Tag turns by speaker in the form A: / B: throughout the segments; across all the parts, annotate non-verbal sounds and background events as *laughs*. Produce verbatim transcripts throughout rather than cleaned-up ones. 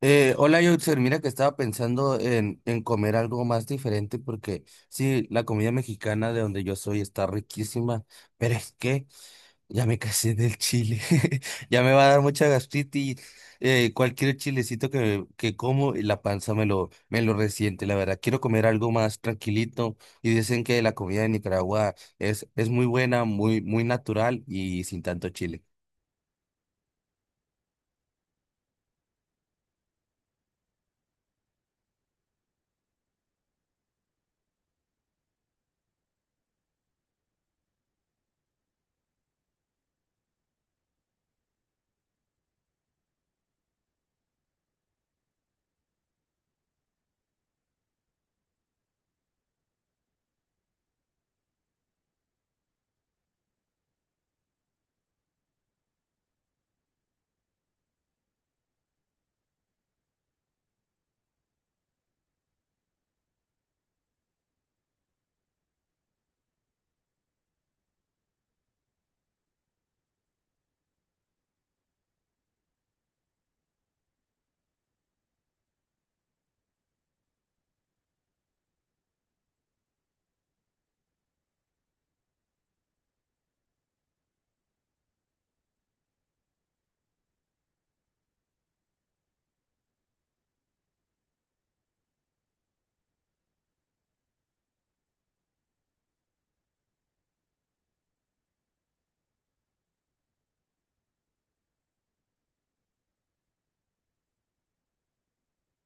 A: Eh, hola, Yotzer. Mira que estaba pensando en, en comer algo más diferente porque sí, la comida mexicana de donde yo soy está riquísima, pero es que ya me casé del chile. *laughs* Ya me va a dar mucha gastritis. Eh, cualquier chilecito que, que como, y la panza me lo, me lo resiente, la verdad. Quiero comer algo más tranquilito y dicen que la comida de Nicaragua es, es muy buena, muy, muy natural y sin tanto chile.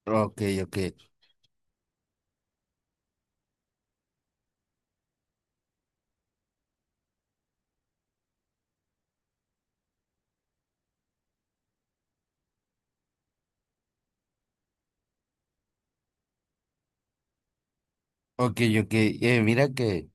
A: Ok, ok, ok, ok. Eh, mira que.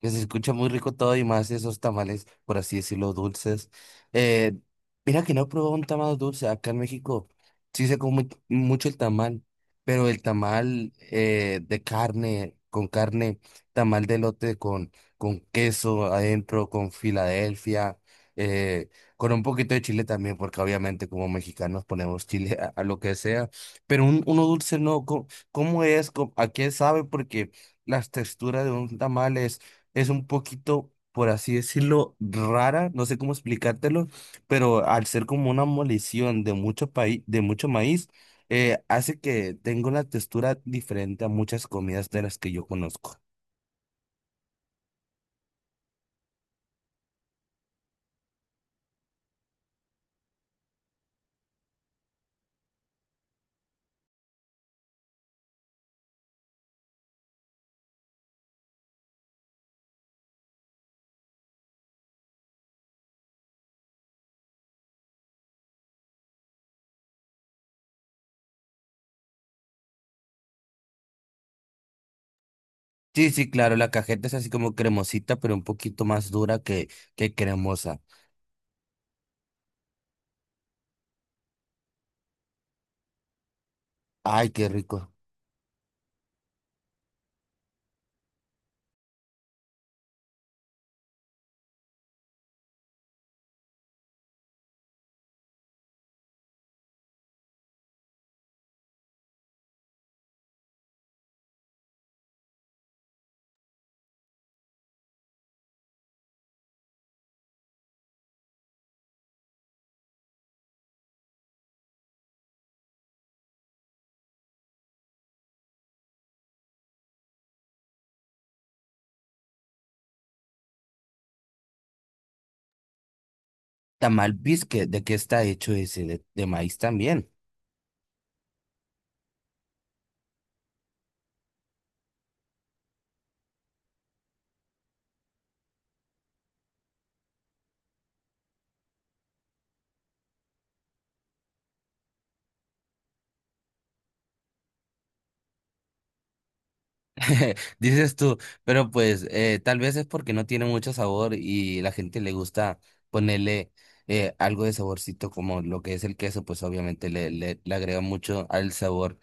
A: Que se escucha muy rico todo y más esos tamales, por así decirlo, dulces. Eh, Mira que no he probado un tamal dulce acá en México. Sí se come mucho el tamal, pero el tamal eh, de carne, con carne, tamal de elote con, con queso adentro, con Filadelfia, eh, con un poquito de chile también, porque obviamente como mexicanos ponemos chile a, a lo que sea, pero un, uno dulce no. ¿Cómo, cómo es? ¿Cómo- ¿A qué sabe? Porque las texturas de un tamal es un poquito, por así decirlo, rara, no sé cómo explicártelo, pero al ser como una molición de mucho paí- de mucho maíz, eh, hace que tenga una textura diferente a muchas comidas de las que yo conozco. Sí, sí, claro, la cajeta es así como cremosita, pero un poquito más dura que, que cremosa. Ay, qué rico. Tamal bisque, ¿de qué está hecho ese? De, de maíz también. *laughs* Dices tú, pero pues eh, tal vez es porque no tiene mucho sabor y la gente le gusta ponerle eh, algo de saborcito, como lo que es el queso, pues obviamente le, le, le agrega mucho al sabor.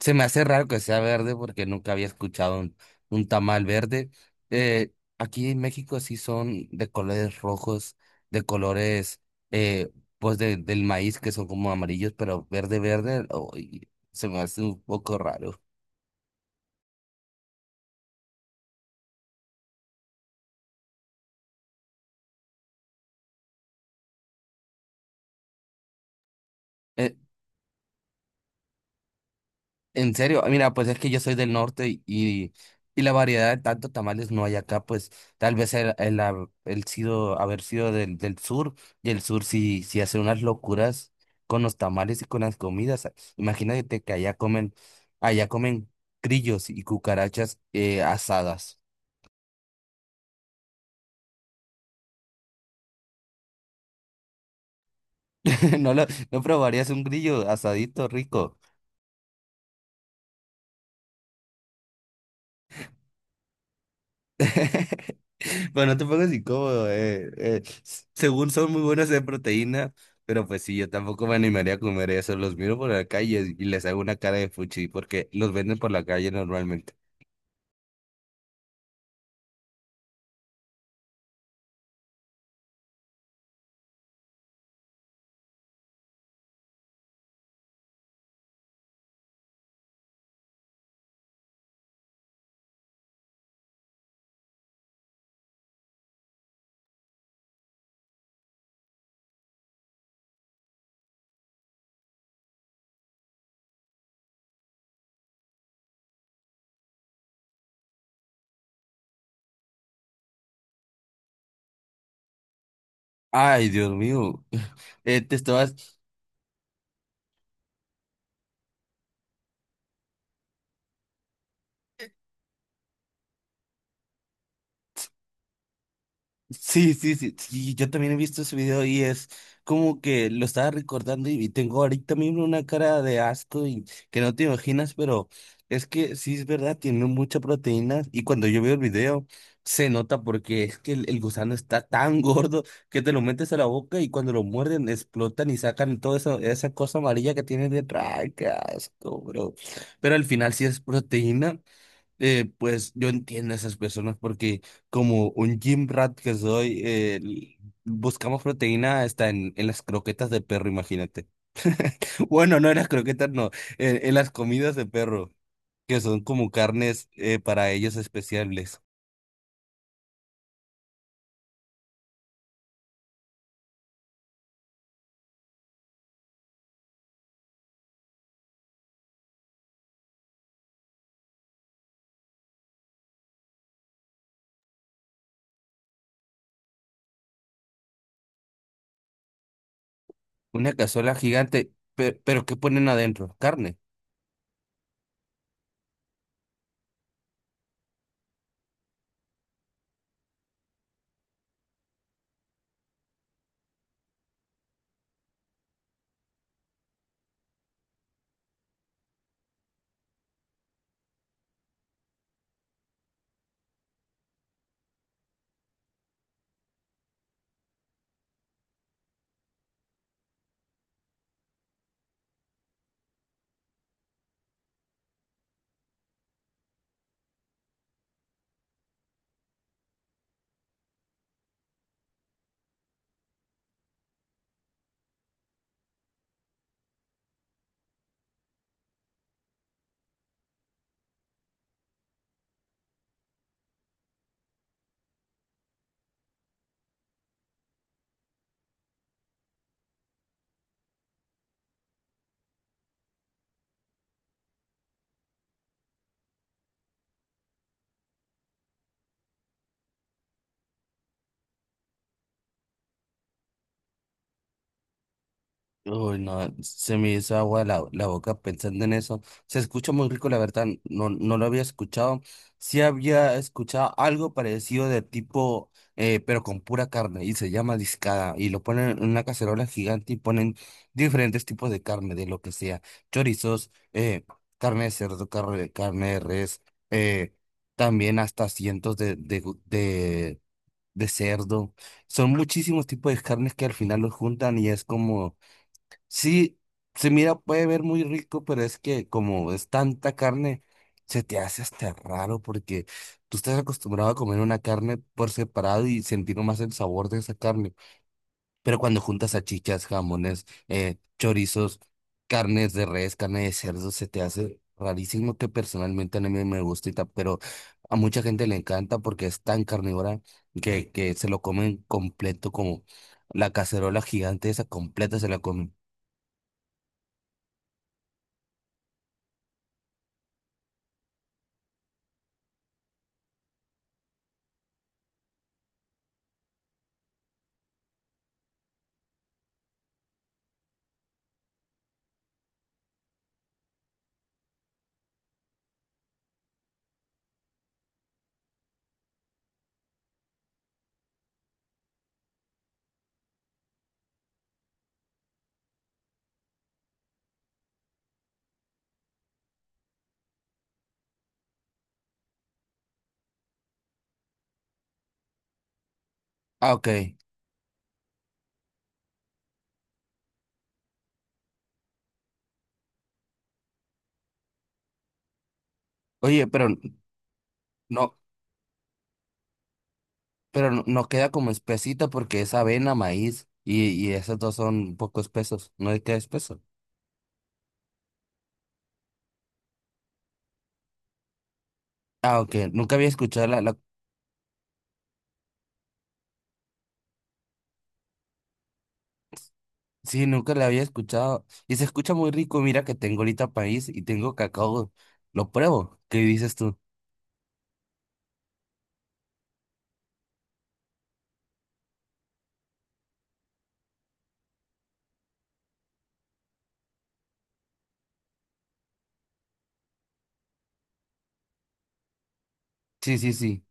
A: Se me hace raro que sea verde porque nunca había escuchado un, un tamal verde. Eh, Aquí en México sí son de colores rojos, de colores, eh, pues de- del maíz que son como amarillos, pero verde, verde, oh, y se me hace un poco raro. Eh, En serio, mira, pues es que yo soy del norte y, y, y la variedad de tantos tamales no hay acá. Pues tal vez el, el, hab- el sido, haber sido del, del sur, y el sur sí, sí hace unas locuras con los tamales y con las comidas. Imagínate que allá comen, allá comen grillos y cucarachas, eh, asadas. *laughs* No lo, ¿No probarías un grillo asadito rico? *laughs* Bueno, no te pongas incómodo. eh, eh, s- Según son muy buenas de proteína, pero pues sí, yo tampoco me animaría a comer eso. Los miro por la calle y les hago una cara de fuchi porque los venden por la calle normalmente. Ay, Dios mío. *laughs* Eh, te estabas, Sí, sí, sí, sí, yo también he visto ese video y es como que lo estaba recordando, y, y tengo ahorita mismo una cara de asco y que no te imaginas, pero es que sí es verdad, tiene mucha proteína. Y cuando yo veo el video se nota, porque es que el, el gusano está tan *laughs* gordo que te lo metes a la boca y cuando lo muerden explotan y sacan toda esa, esa cosa amarilla que tiene detrás. ¡Ay, qué asco, bro! Pero al final sí es proteína. Eh, pues yo entiendo a esas personas porque como un gym rat que soy, eh, l- buscamos proteína hasta en, en las croquetas de perro, imagínate. *laughs* Bueno, no en las croquetas, no, en, en las comidas de perro, que son como carnes, eh, para ellos especiales. Una cazuela gigante, pe- pero ¿qué ponen adentro? ¿Carne? Uy, no, se me hizo agua la, la boca pensando en eso. Se escucha muy rico, la verdad, no, no lo había escuchado. Sí había escuchado algo parecido de tipo, eh, pero con pura carne, y se llama discada, y lo ponen en una cacerola gigante y ponen diferentes tipos de carne, de lo que sea, chorizos, eh, carne de cerdo, carne, carne de res, eh, también hasta cientos de, de, gu- de, de cerdo. Son muchísimos tipos de carnes que al final los juntan y es como. Sí, se mira, puede ver muy rico, pero es que como es tanta carne, se te hace hasta raro porque tú estás acostumbrado a comer una carne por separado y sentir más el sabor de esa carne. Pero cuando juntas salchichas, jamones, eh, chorizos, carnes de res, carne de cerdo, se te hace rarísimo. Que personalmente a mí me gusta, y tal, pero a mucha gente le encanta porque es tan carnívora que, que se lo comen completo, como la cacerola gigante esa completa se la comen. Ah, ok. Oye, pero no, pero no, no queda como espesita porque es avena, maíz, y, y esos dos son un poco espesos. ¿No le queda espeso? Ah, ok. Nunca había escuchado la, la... Sí, nunca la había escuchado. Y se escucha muy rico. Mira que tengo ahorita maíz y tengo cacao. Lo pruebo. ¿Qué dices tú? Sí, sí, sí.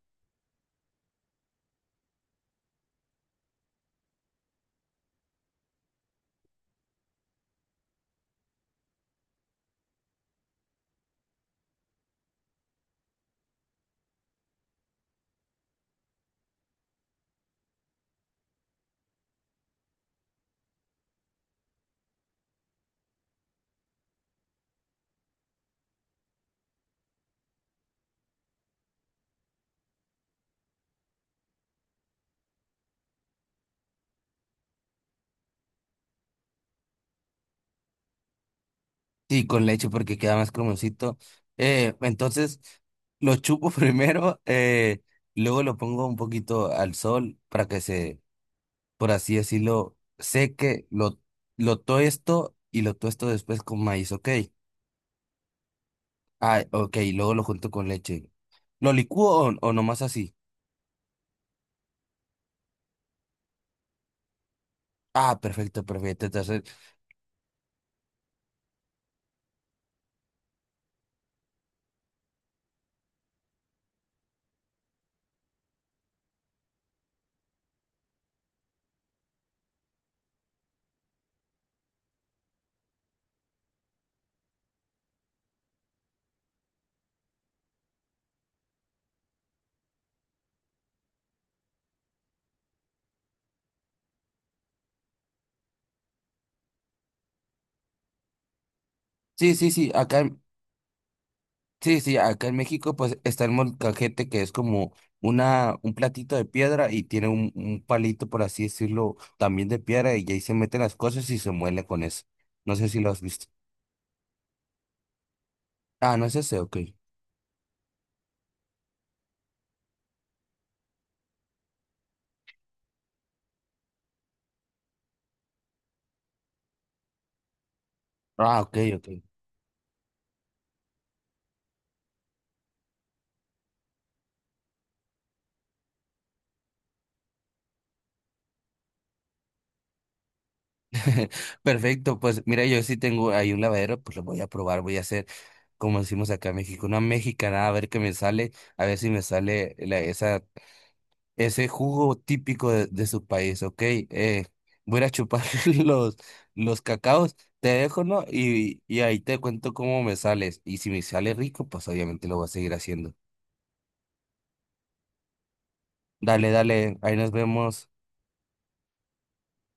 A: Sí, con leche porque queda más cremosito. Eh, entonces, lo chupo *laughs* primero. Eh, luego lo pongo un poquito al sol para que se, por así decirlo, sé que lo, lo tosto, y lo tosto después con maíz, ok. Ah, ok, luego lo junto con leche. ¿Lo licúo o, o nomás así? Ah, perfecto, perfecto. Entonces, sí, sí, sí, acá, en- sí, sí, acá en México pues está el molcajete, que es como una, un platito de piedra, y tiene un, un palito, por así decirlo, también de piedra, y ahí se meten las cosas y se muele con eso. No sé si lo has visto. Ah, no es ese, ok. Ah, ok, ok. *laughs* Perfecto, pues mira, yo sí tengo ahí un lavadero, pues lo voy a probar, voy a hacer, como decimos acá en México, una mexicanada, a ver qué me sale, a ver si me sale la- esa, ese jugo típico de, de su país, ¿ok? Eh, voy a ir a chupar *laughs* los, los cacaos, te dejo, ¿no? Y y ahí te cuento cómo me sales, y si me sale rico, pues obviamente lo voy a seguir haciendo. Dale, dale, ahí nos vemos.